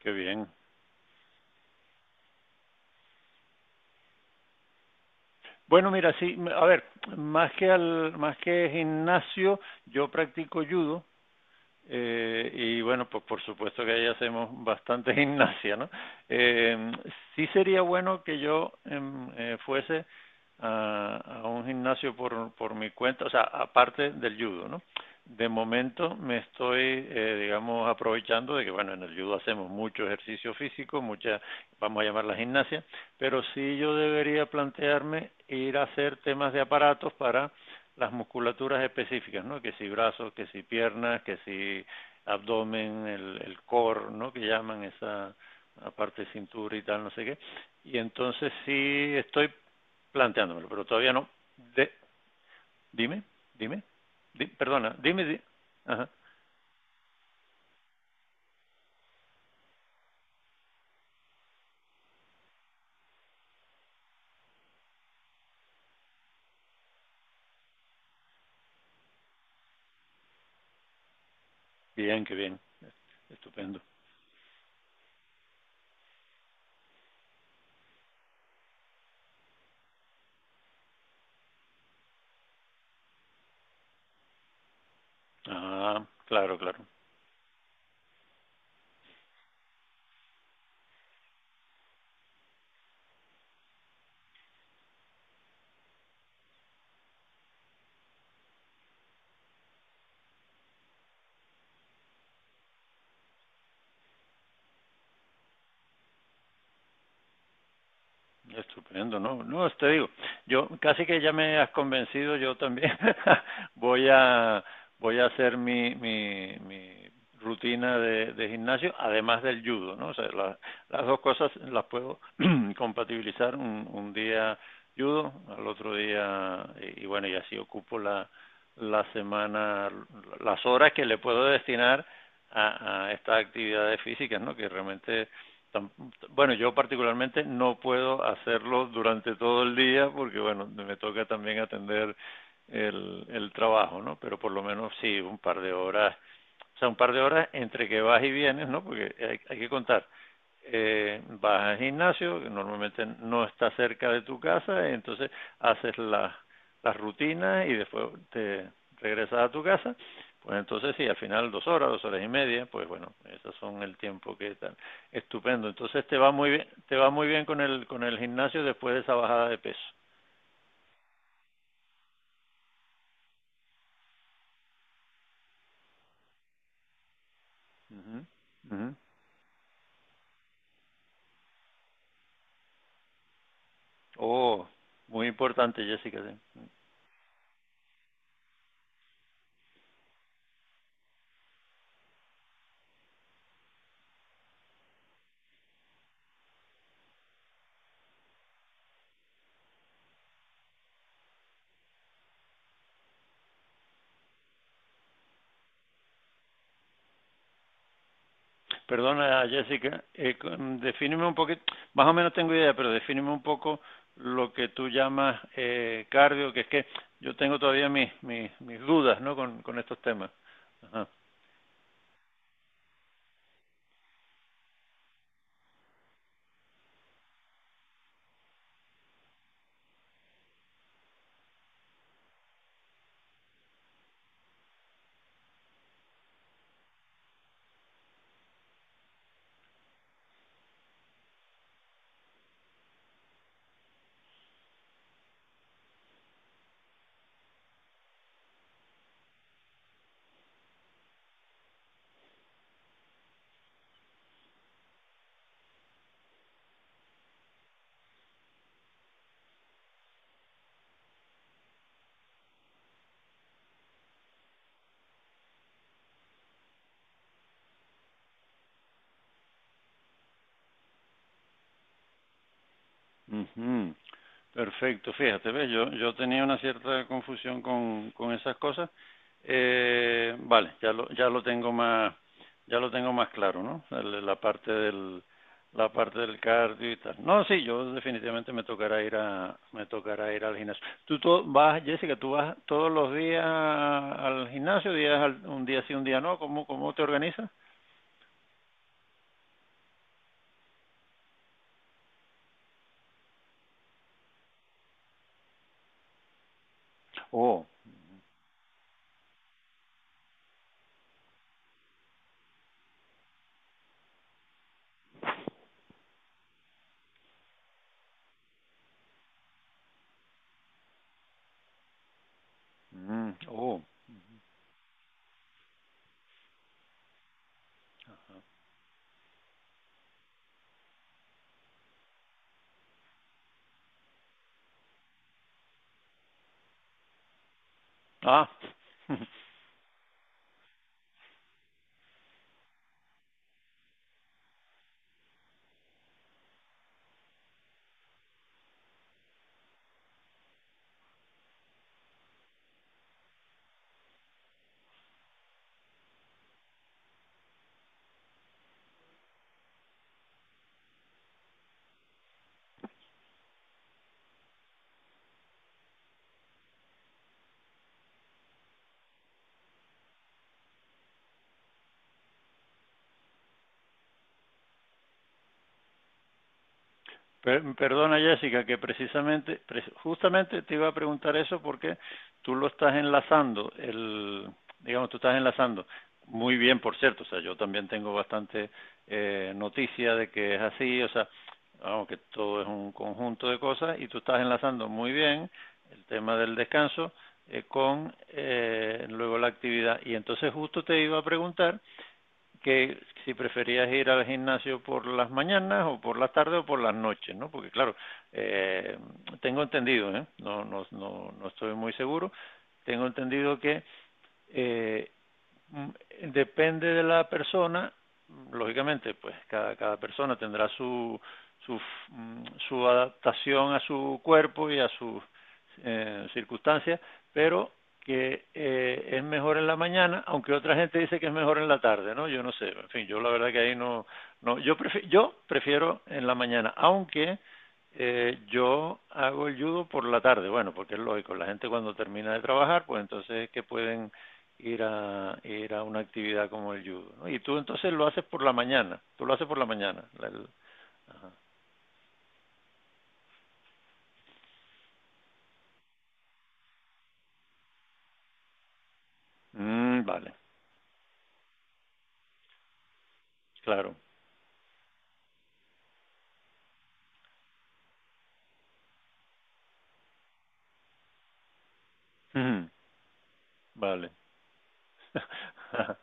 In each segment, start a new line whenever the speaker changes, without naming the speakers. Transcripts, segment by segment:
Qué bien. Bueno, mira, sí, a ver, más que al, más que gimnasio, yo practico judo y bueno, pues por supuesto que ahí hacemos bastante gimnasia, ¿no? Eh, sí sería bueno que yo fuese a, a, un gimnasio por mi cuenta, o sea, aparte del judo, ¿no? De momento me estoy, digamos, aprovechando de que, bueno, en el judo hacemos mucho ejercicio físico, mucha, vamos a llamar la gimnasia, pero sí yo debería plantearme ir a hacer temas de aparatos para las musculaturas específicas, ¿no? Que si brazos, que si piernas, que si abdomen, el core, ¿no? Que llaman esa, aparte de cintura y tal, no sé qué. Y entonces sí estoy planteándomelo, pero todavía no. De, dime, dime, di, perdona, dime, di, ajá, bien, qué bien, estupendo. Ah, claro, claro, estupendo, no, no, te digo, yo casi que ya me has convencido, yo también voy a voy a hacer mi, mi, mi rutina de gimnasio, además del judo, ¿no? O sea, la, las dos cosas las puedo compatibilizar un día judo, al otro día, y bueno, y así ocupo la, la semana, las horas que le puedo destinar a estas actividades físicas, ¿no? Que realmente, bueno, yo particularmente no puedo hacerlo durante todo el día porque, bueno, me toca también atender el trabajo, ¿no? Pero por lo menos sí, un par de horas, o sea, un par de horas entre que vas y vienes, ¿no? Porque hay que contar. Vas al gimnasio, que normalmente no está cerca de tu casa, entonces haces las rutinas y después te regresas a tu casa. Pues entonces sí, al final dos horas y media, pues bueno, esos son el tiempo que están. Estupendo. Entonces te va muy bien, te va muy bien con el gimnasio después de esa bajada de peso. Ujú, ujú. Oh, muy importante, Jessica. Sí. Perdona, Jessica, defíneme un poquito, más o menos tengo idea, pero defíneme un poco lo que tú llamas cardio, que es que yo tengo todavía mis, mis, mis dudas, ¿no? Con estos temas. Ajá. Uh -huh. Perfecto, fíjate, ¿ves? Yo tenía una cierta confusión con esas cosas. Vale, ya lo tengo más, ya lo tengo más claro, ¿no? La parte del cardio y tal. No, sí, yo definitivamente me tocará ir a, me tocará ir al gimnasio. Vas, Jessica, tú vas todos los días al gimnasio, un día sí, un día no. ¿Cómo, cómo te organizas? Oh, mm, oh. Ah, Perdona Jessica, que precisamente, justamente te iba a preguntar eso porque tú lo estás enlazando, el, digamos, tú estás enlazando, muy bien por cierto, o sea, yo también tengo bastante noticia de que es así, o sea, vamos, que todo es un conjunto de cosas y tú estás enlazando muy bien el tema del descanso, con luego la actividad y entonces justo te iba a preguntar que si preferías ir al gimnasio por las mañanas o por la tarde o por las noches, ¿no? Porque claro, eh, tengo entendido, ¿eh? No, no, no, no estoy muy seguro, tengo entendido que eh, mm, depende de la persona, lógicamente, pues cada, cada persona tendrá su, su, su adaptación a su cuerpo y a sus circunstancias, pero que es mejor en la mañana, aunque otra gente dice que es mejor en la tarde, ¿no? Yo no sé, en fin, yo la verdad que ahí no, no yo, prefiero, yo prefiero en la mañana, aunque yo hago el judo por la tarde, bueno, porque es lógico, la gente cuando termina de trabajar, pues entonces es que pueden ir a, ir a una actividad como el judo, ¿no? Y tú entonces lo haces por la mañana, tú lo haces por la mañana. Ajá. Mm, vale, claro, ujú, vale.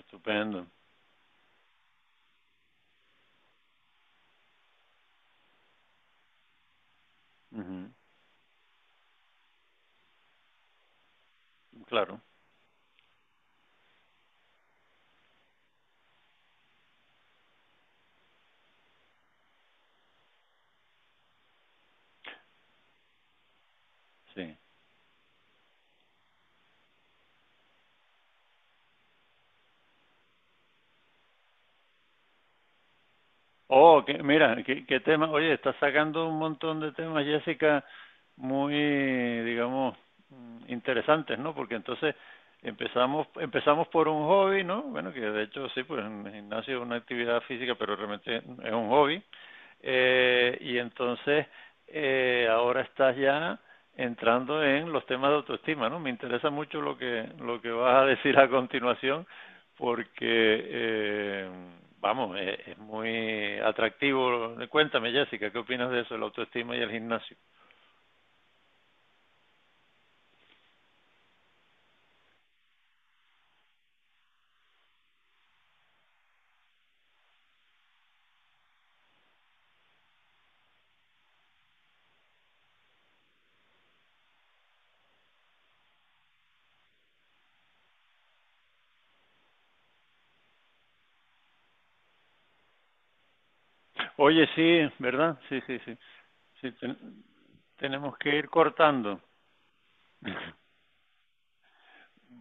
Estupendo. Ujú. Claro, sí. Oh, que, mira, qué, qué tema. Oye, estás sacando un montón de temas, Jessica, muy, digamos, interesantes, ¿no? Porque entonces empezamos por un hobby, ¿no? Bueno, que de hecho sí, pues el gimnasio es una actividad física, pero realmente es un hobby. Y entonces ahora estás ya entrando en los temas de autoestima, ¿no? Me interesa mucho lo que vas a decir a continuación porque eh, vamos, es, muy atractivo. Cuéntame, Jessica, ¿qué opinas de eso, la autoestima y el gimnasio? Oye, sí, ¿verdad? Sí, sí, sí. Sí ten, tenemos que ir cortando.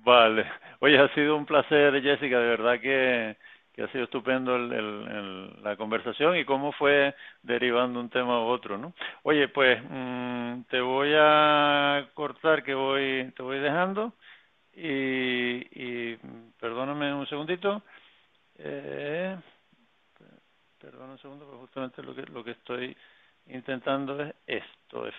Vale. Oye, ha sido un placer, Jessica, de verdad que ha sido estupendo la conversación y cómo fue derivando un tema u otro, ¿no? Oye, pues te voy a cortar que voy, te voy dejando y, y perdóname un segundito. Eh, perdón un segundo, porque justamente lo que estoy intentando es esto, efectivamente.